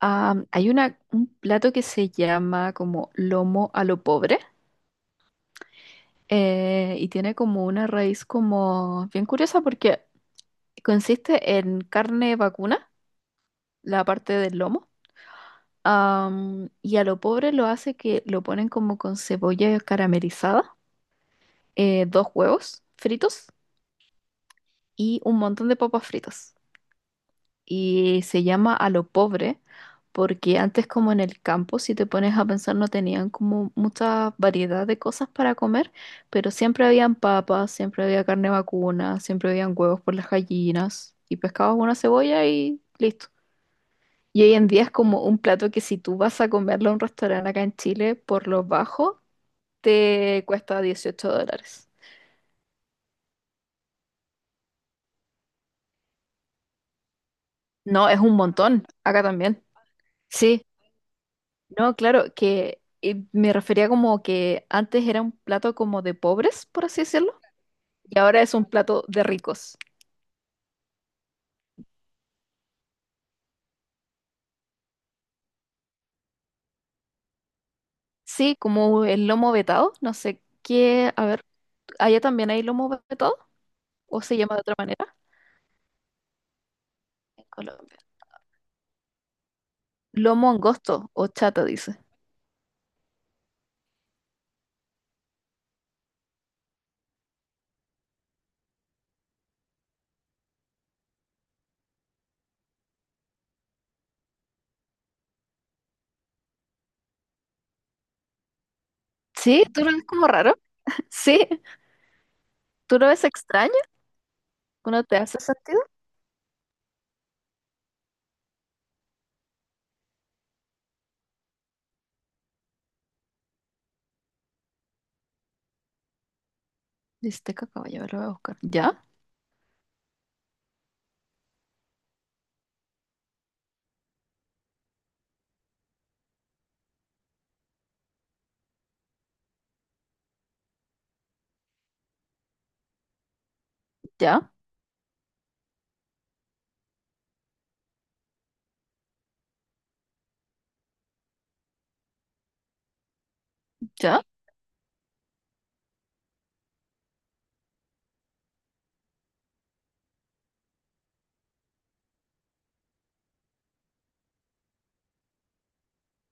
Hay un plato que se llama como lomo a lo pobre y tiene como una raíz como bien curiosa porque consiste en carne vacuna, la parte del lomo, y a lo pobre lo hace que lo ponen como con cebolla caramelizada, dos huevos fritos y un montón de papas fritas. Y se llama A lo pobre, porque antes como en el campo, si te pones a pensar, no tenían como mucha variedad de cosas para comer, pero siempre habían papas, siempre había carne vacuna, siempre habían huevos por las gallinas y pescabas una cebolla y listo. Y hoy en día es como un plato que si tú vas a comerlo a un restaurante acá en Chile, por lo bajo, te cuesta $18. No, es un montón, acá también. Sí. No, claro, que me refería como que antes era un plato como de pobres, por así decirlo, y ahora es un plato de ricos. Sí, como el lomo vetado, no sé qué, a ver, ¿allá también hay lomo vetado? ¿O se llama de otra manera? En Colombia. Lomo angosto o chata, dice. Sí, tú lo ves como raro. Sí, tú lo ves extraño. ¿No te hace sentido? Dice, cacao, ya lo voy a buscar. Ya, ya, ya.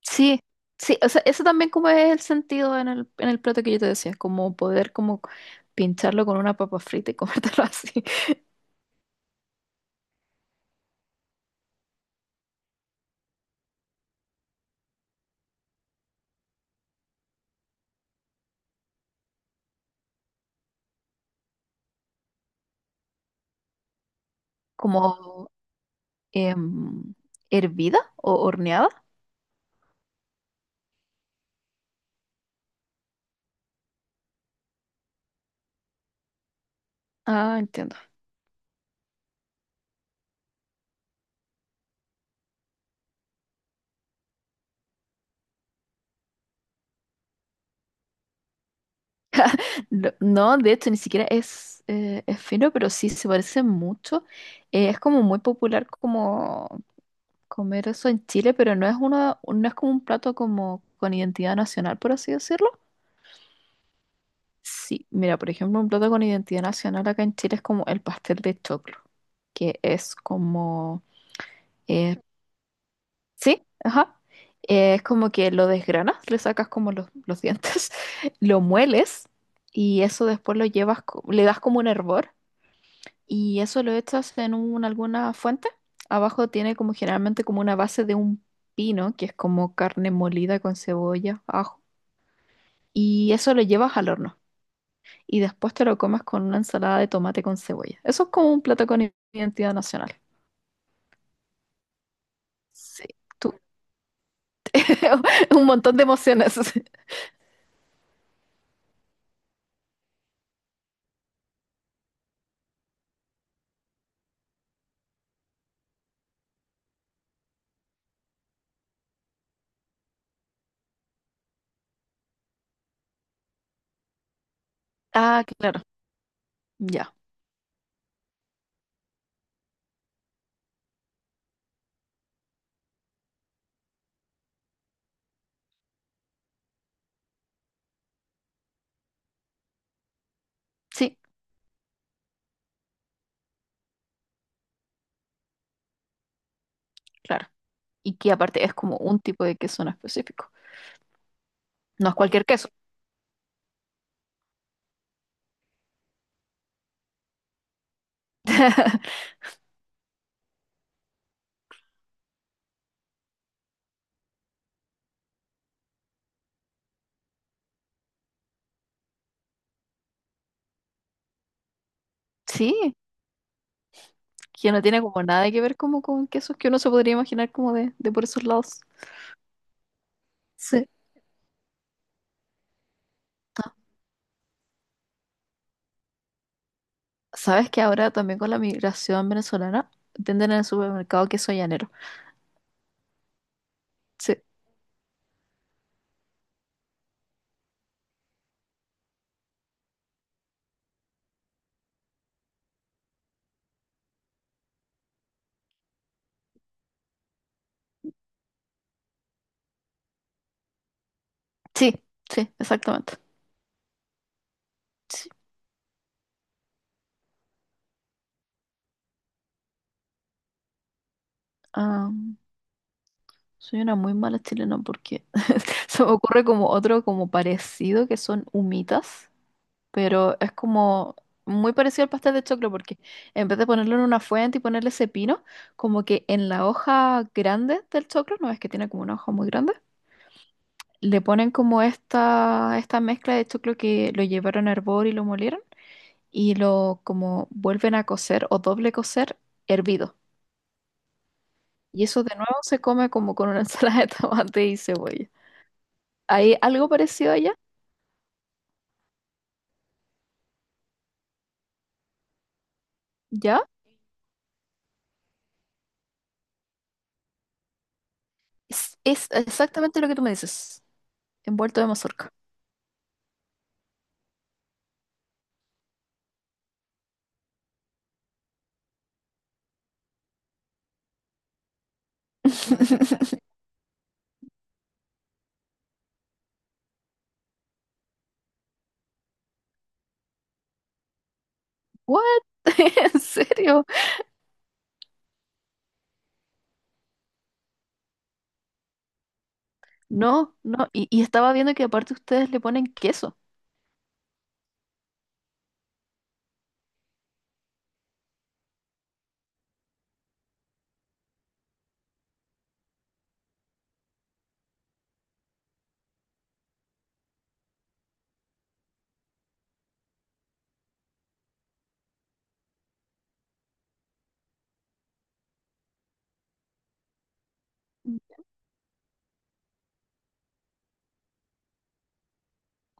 Sí, sí, o sea, eso también como es el sentido en el plato que yo te decía, como poder como pincharlo con una papa frita y comértelo así, como em, hervida o horneada. Ah, entiendo. No, no, de hecho, ni siquiera es fino, pero sí se parece mucho. Es como muy popular como comer eso en Chile, pero no es uno, no es como un plato como con identidad nacional, por así decirlo. Sí, mira, por ejemplo, un plato con identidad nacional acá en Chile es como el pastel de choclo, que es como, eh, sí, ajá, es como que lo desgranas, le sacas como los dientes, lo mueles y eso después lo llevas, le das como un hervor y eso lo echas en alguna fuente. Abajo tiene como generalmente como una base de un pino, que es como carne molida con cebolla, ajo, y eso lo llevas al horno. Y después te lo comas con una ensalada de tomate con cebolla. Eso es como un plato con identidad nacional. Sí, tú. Un montón de emociones. Ah, claro, ya. Sí, claro. Y que aparte es como un tipo de queso en específico. No es cualquier queso. Sí, que no tiene como nada que ver como con quesos que uno se podría imaginar como de por esos lados. Sí. Sabes que ahora también con la migración venezolana venden en el supermercado queso llanero. Sí, sí, sí, exactamente. Sí. Soy una muy mala chilena porque se me ocurre como otro como parecido que son humitas, pero es como muy parecido al pastel de choclo porque en vez de ponerlo en una fuente y ponerle ese pino, como que en la hoja grande del choclo, no es que tiene como una hoja muy grande, le ponen como esta mezcla de choclo que lo llevaron a hervor y lo molieron y lo como vuelven a cocer o doble cocer hervido. Y eso de nuevo se come como con una ensalada de tomate y cebolla. Hay algo parecido allá, ¿ya? Es exactamente lo que tú me dices, envuelto de mazorca. ¿What? ¿En serio? No, no. Y estaba viendo que aparte ustedes le ponen queso.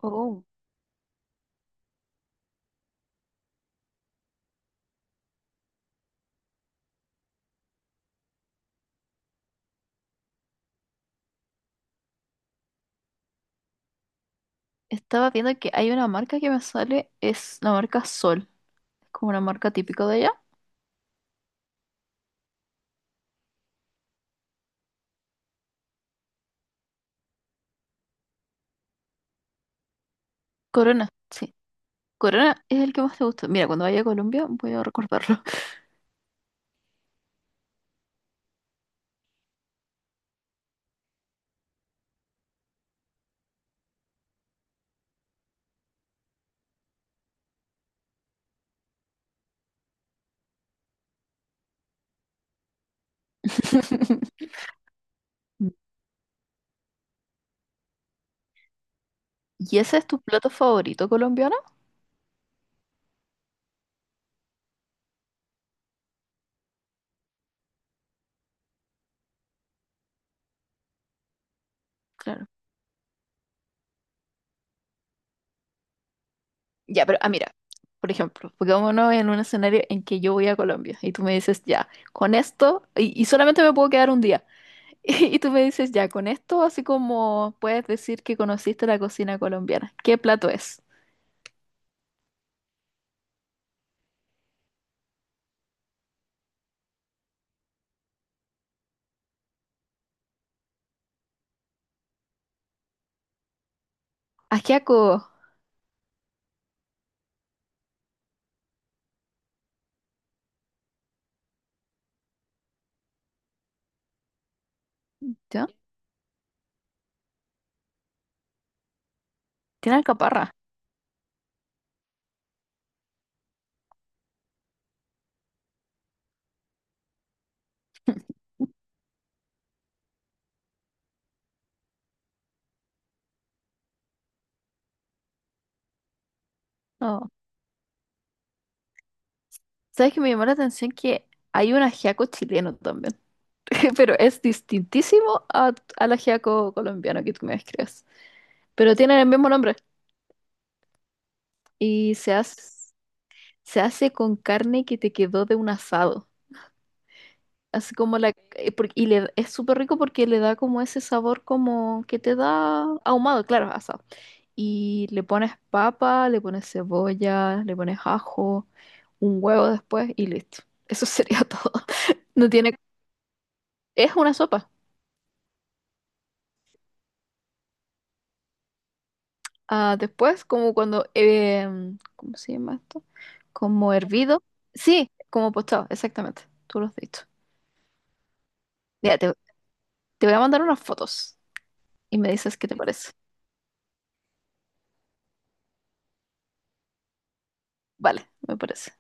Oh. Estaba viendo que hay una marca que me sale, es la marca Sol, es como una marca típica de allá. Corona, sí. Corona es el que más te gusta. Mira, cuando vaya a Colombia voy a recordarlo. ¿Y ese es tu plato favorito colombiano? Claro. Ya, pero ah, mira, por ejemplo, pongámonos en un escenario en que yo voy a Colombia y tú me dices, ya, con esto, y solamente me puedo quedar un día, y, tú me dices, ya, con esto, así como puedes decir que conociste la cocina colombiana. ¿Qué plato es? Ajiaco, ¿ya? Tiene alcaparra. No. ¿Sabes que me llamó la atención que hay un ajiaco chileno también? Pero es distintísimo a- al ajiaco colombiano que tú me describes. Pero tienen el mismo nombre y se hace. Se hace con carne que te quedó de un asado. Así como la... Y le, es súper rico porque le da como ese sabor como que te da ahumado, claro, asado. Y le pones papa, le pones cebolla, le pones ajo, un huevo después y listo. Eso sería todo. No tiene... Es una sopa. Ah, después, como cuando... ¿cómo se llama esto? Como hervido. Sí, como postado, exactamente. Tú lo has dicho. Ya, te voy a mandar unas fotos y me dices qué te parece. Vale, me parece.